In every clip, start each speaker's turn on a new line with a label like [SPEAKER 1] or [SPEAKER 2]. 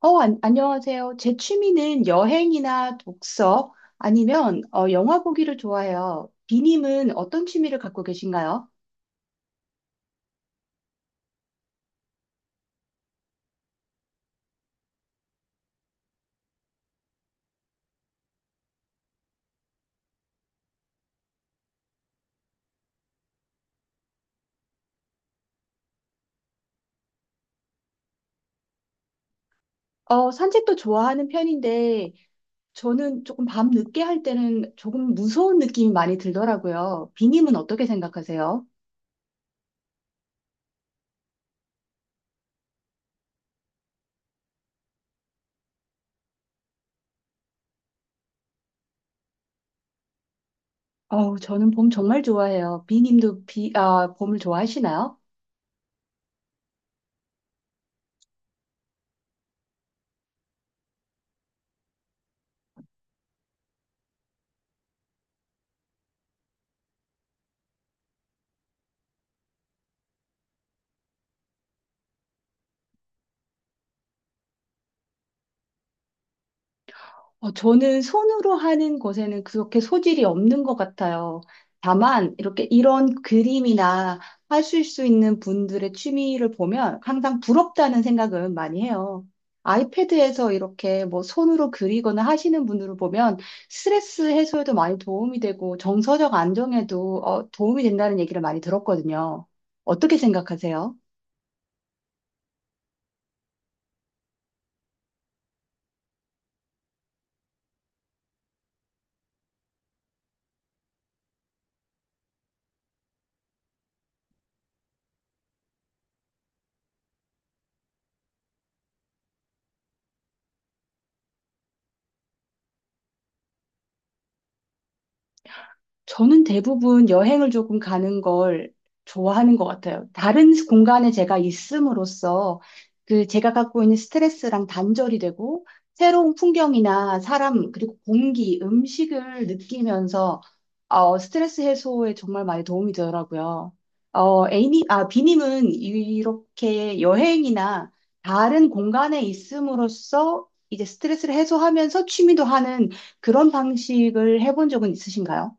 [SPEAKER 1] 어, 안, 안녕하세요. 제 취미는 여행이나 독서 아니면 영화 보기를 좋아해요. 비님은 어떤 취미를 갖고 계신가요? 산책도 좋아하는 편인데 저는 조금 밤 늦게 할 때는 조금 무서운 느낌이 많이 들더라고요. 비님은 어떻게 생각하세요? 저는 봄 정말 좋아해요. 비님도 봄을 좋아하시나요? 저는 손으로 하는 것에는 그렇게 소질이 없는 것 같아요. 다만, 이렇게 이런 그림이나 하실 수 있는 분들의 취미를 보면 항상 부럽다는 생각은 많이 해요. 아이패드에서 이렇게 뭐 손으로 그리거나 하시는 분들을 보면 스트레스 해소에도 많이 도움이 되고 정서적 안정에도 도움이 된다는 얘기를 많이 들었거든요. 어떻게 생각하세요? 저는 대부분 여행을 조금 가는 걸 좋아하는 것 같아요. 다른 공간에 제가 있음으로써 그 제가 갖고 있는 스트레스랑 단절이 되고 새로운 풍경이나 사람, 그리고 공기, 음식을 느끼면서 스트레스 해소에 정말 많이 도움이 되더라고요. 비님은 이렇게 여행이나 다른 공간에 있음으로써 이제 스트레스를 해소하면서 취미도 하는 그런 방식을 해본 적은 있으신가요?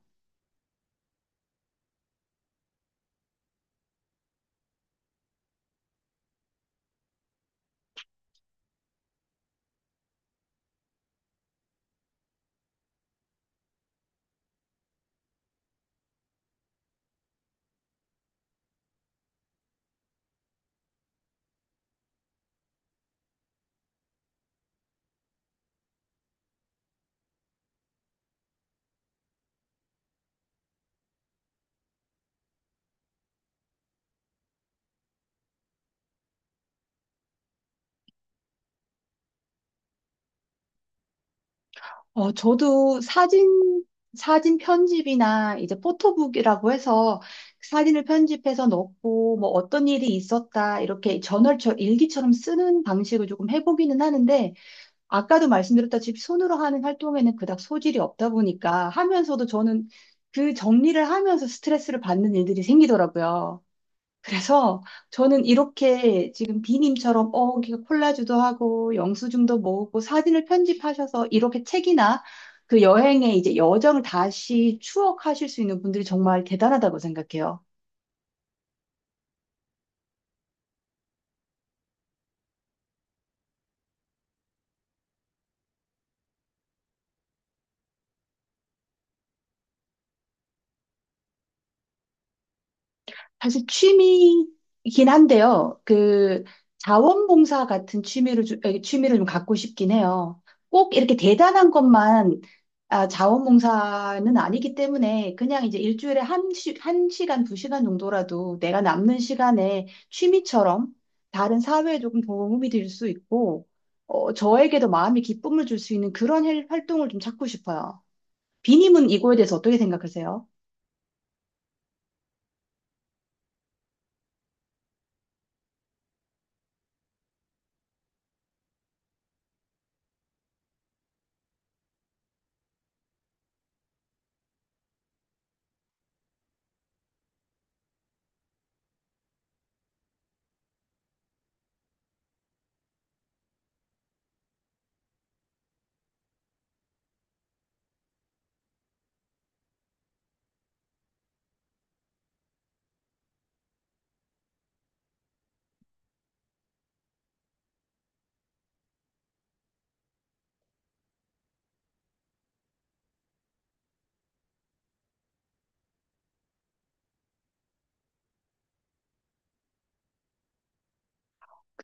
[SPEAKER 1] 저도 사진 편집이나 이제 포토북이라고 해서 사진을 편집해서 넣고 뭐 어떤 일이 있었다 이렇게 저널처럼 일기처럼 쓰는 방식을 조금 해보기는 하는데 아까도 말씀드렸다시피 손으로 하는 활동에는 그닥 소질이 없다 보니까 하면서도 저는 그 정리를 하면서 스트레스를 받는 일들이 생기더라고요. 그래서 저는 이렇게 지금 비님처럼 이렇게 콜라주도 하고 영수증도 모으고 사진을 편집하셔서 이렇게 책이나 그 여행의 이제 여정을 다시 추억하실 수 있는 분들이 정말 대단하다고 생각해요. 사실 취미이긴 한데요. 그 자원봉사 같은 취미를 좀 갖고 싶긴 해요. 꼭 이렇게 대단한 것만 자원봉사는 아니기 때문에 그냥 이제 일주일에 한 시간, 2시간 정도라도 내가 남는 시간에 취미처럼 다른 사회에 조금 도움이 될 수 있고, 저에게도 마음의 기쁨을 줄 수 있는 그런 활동을 좀 찾고 싶어요. 비님은 이거에 대해서 어떻게 생각하세요?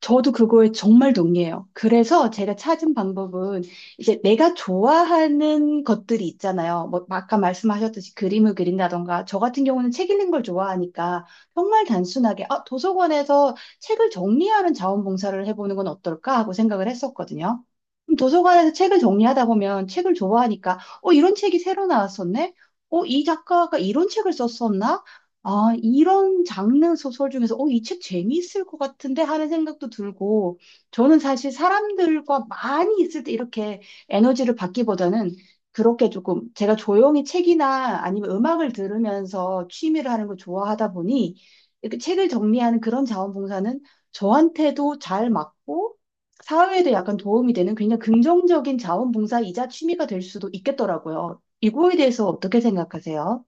[SPEAKER 1] 저도 그거에 정말 동의해요. 그래서 제가 찾은 방법은 이제 내가 좋아하는 것들이 있잖아요. 뭐 아까 말씀하셨듯이 그림을 그린다던가 저 같은 경우는 책 읽는 걸 좋아하니까 정말 단순하게 도서관에서 책을 정리하는 자원봉사를 해보는 건 어떨까 하고 생각을 했었거든요. 그럼 도서관에서 책을 정리하다 보면 책을 좋아하니까 이런 책이 새로 나왔었네? 이 작가가 이런 책을 썼었나? 이런 장르 소설 중에서, 이 책 재미있을 것 같은데 하는 생각도 들고, 저는 사실 사람들과 많이 있을 때 이렇게 에너지를 받기보다는 그렇게 조금 제가 조용히 책이나 아니면 음악을 들으면서 취미를 하는 걸 좋아하다 보니, 이렇게 책을 정리하는 그런 자원봉사는 저한테도 잘 맞고, 사회에도 약간 도움이 되는 굉장히 긍정적인 자원봉사이자 취미가 될 수도 있겠더라고요. 이거에 대해서 어떻게 생각하세요?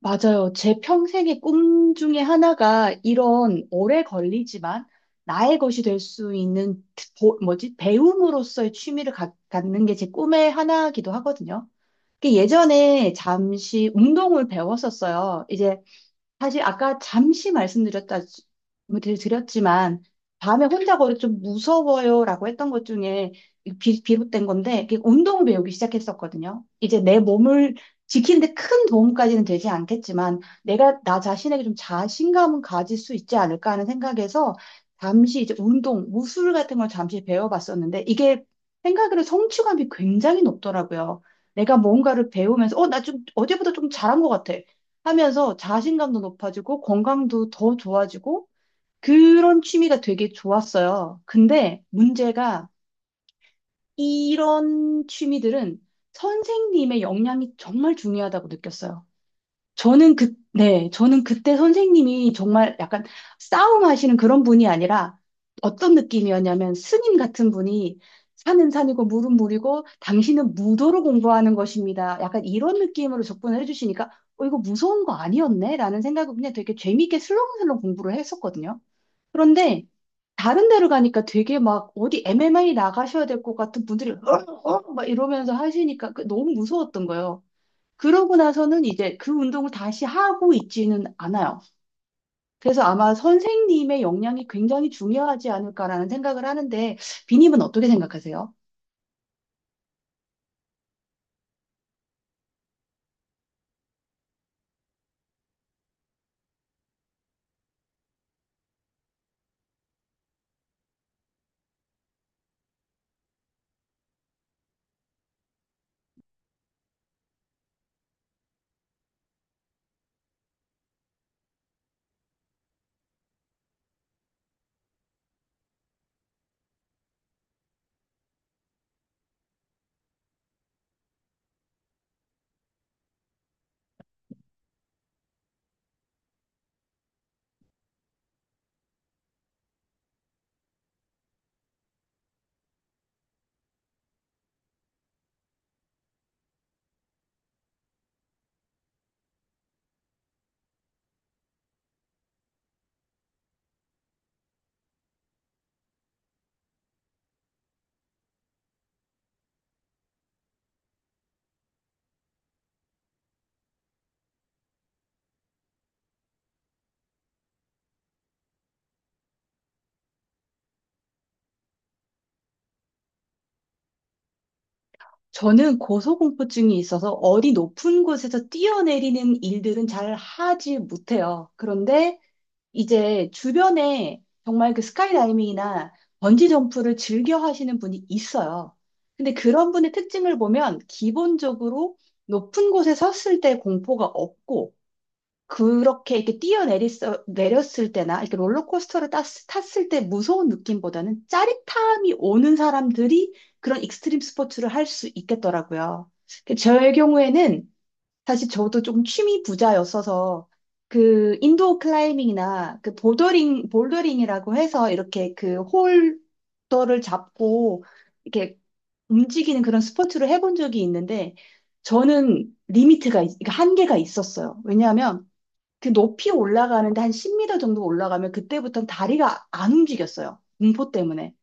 [SPEAKER 1] 맞아요. 제 평생의 꿈 중에 하나가 이런 오래 걸리지만 나의 것이 될 수 있는 뭐지? 배움으로서의 취미를 갖는 게 제 꿈의 하나이기도 하거든요. 그 예전에 잠시 운동을 배웠었어요. 이제 사실 아까 잠시 드렸지만, 밤에 혼자 걸어 좀 무서워요라고 했던 것 중에 비롯된 건데, 이게 운동을 배우기 시작했었거든요. 이제 내 몸을 지키는데 큰 도움까지는 되지 않겠지만, 내가 나 자신에게 좀 자신감은 가질 수 있지 않을까 하는 생각에서, 잠시 이제 운동, 무술 같은 걸 잠시 배워봤었는데, 이게 생각으로 성취감이 굉장히 높더라고요. 내가 뭔가를 배우면서, 나 좀 어제보다 좀 잘한 것 같아. 하면서 자신감도 높아지고 건강도 더 좋아지고 그런 취미가 되게 좋았어요. 근데 문제가 이런 취미들은 선생님의 역량이 정말 중요하다고 느꼈어요. 저는 그때 선생님이 정말 약간 싸움하시는 그런 분이 아니라 어떤 느낌이었냐면 스님 같은 분이 산은 산이고 물은 물이고 당신은 무도로 공부하는 것입니다. 약간 이런 느낌으로 접근을 해주시니까 이거 무서운 거 아니었네? 라는 생각을 그냥 되게 재미있게 슬렁슬렁 공부를 했었거든요. 그런데 다른 데로 가니까 되게 막 어디 MMA 나가셔야 될 것 같은 분들이 막 이러면서 하시니까 그 너무 무서웠던 거예요. 그러고 나서는 이제 그 운동을 다시 하고 있지는 않아요. 그래서 아마 선생님의 역량이 굉장히 중요하지 않을까라는 생각을 하는데, 비님은 어떻게 생각하세요? 저는 고소공포증이 있어서 어디 높은 곳에서 뛰어내리는 일들은 잘 하지 못해요. 그런데 이제 주변에 정말 그 스카이다이빙이나 번지점프를 즐겨 하시는 분이 있어요. 근데 그런 분의 특징을 보면 기본적으로 높은 곳에 섰을 때 공포가 없고 그렇게 이렇게 뛰어내리 내렸을 때나 이렇게 롤러코스터를 탔을 때 무서운 느낌보다는 짜릿함이 오는 사람들이 그런 익스트림 스포츠를 할 수 있겠더라고요. 그 저의 경우에는 사실 저도 조금 취미 부자였어서 그 인도어 클라이밍이나 그 보더링 볼더링이라고 해서 이렇게 그 홀더를 잡고 이렇게 움직이는 그런 스포츠를 해본 적이 있는데 저는 리미트가 그러니까 한계가 있었어요. 왜냐하면 그 높이 올라가는데 한 10m 정도 올라가면 그때부터는 다리가 안 움직였어요. 공포 때문에.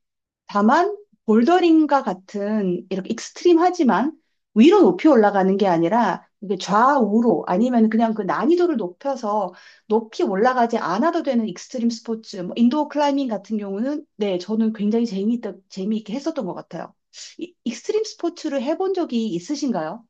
[SPEAKER 1] 다만 볼더링과 같은 이렇게 익스트림하지만 위로 높이 올라가는 게 아니라 이게 좌우로 아니면 그냥 그 난이도를 높여서 높이 올라가지 않아도 되는 익스트림 스포츠, 뭐 인도어 클라이밍 같은 경우는 네, 저는 굉장히 재미있게 했었던 것 같아요. 익스트림 스포츠를 해본 적이 있으신가요?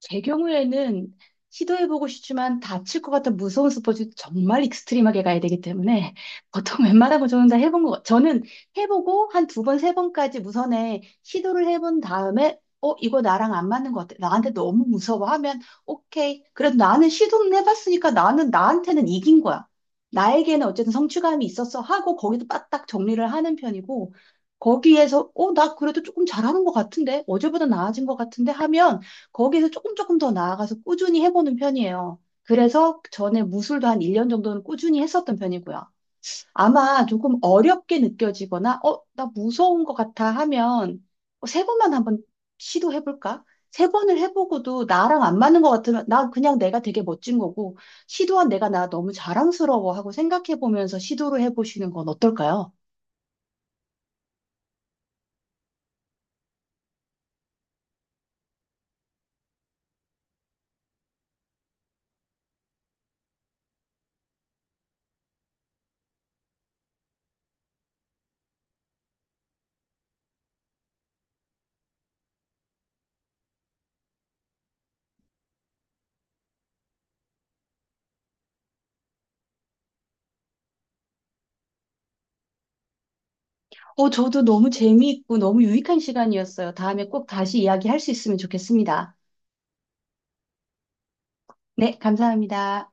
[SPEAKER 1] 제 경우에는 시도해보고 싶지만 다칠 것 같은 무서운 스포츠 정말 익스트림하게 가야 되기 때문에 보통 웬만한 거 저는 다 해본 거, 저는 해보고 한 두 번, 3번까지 무선에 시도를 해본 다음에 이거 나랑 안 맞는 것 같아. 나한테 너무 무서워 하면 오케이. 그래도 나는 시도는 해봤으니까 나는 나한테는 이긴 거야. 나에게는 어쨌든 성취감이 있었어 하고 거기서 빠딱 정리를 하는 편이고 거기에서 나 그래도 조금 잘하는 것 같은데 어제보다 나아진 것 같은데 하면 거기서 조금 더 나아가서 꾸준히 해보는 편이에요. 그래서 전에 무술도 한 1년 정도는 꾸준히 했었던 편이고요. 아마 조금 어렵게 느껴지거나, 나 무서운 것 같아 하면 3번만 한번 시도해볼까? 3번을 해보고도 나랑 안 맞는 것 같으면 나 그냥 내가 되게 멋진 거고, 시도한 내가 나 너무 자랑스러워 하고 생각해보면서 시도를 해보시는 건 어떨까요? 저도 너무 재미있고 너무 유익한 시간이었어요. 다음에 꼭 다시 이야기할 수 있으면 좋겠습니다. 네, 감사합니다.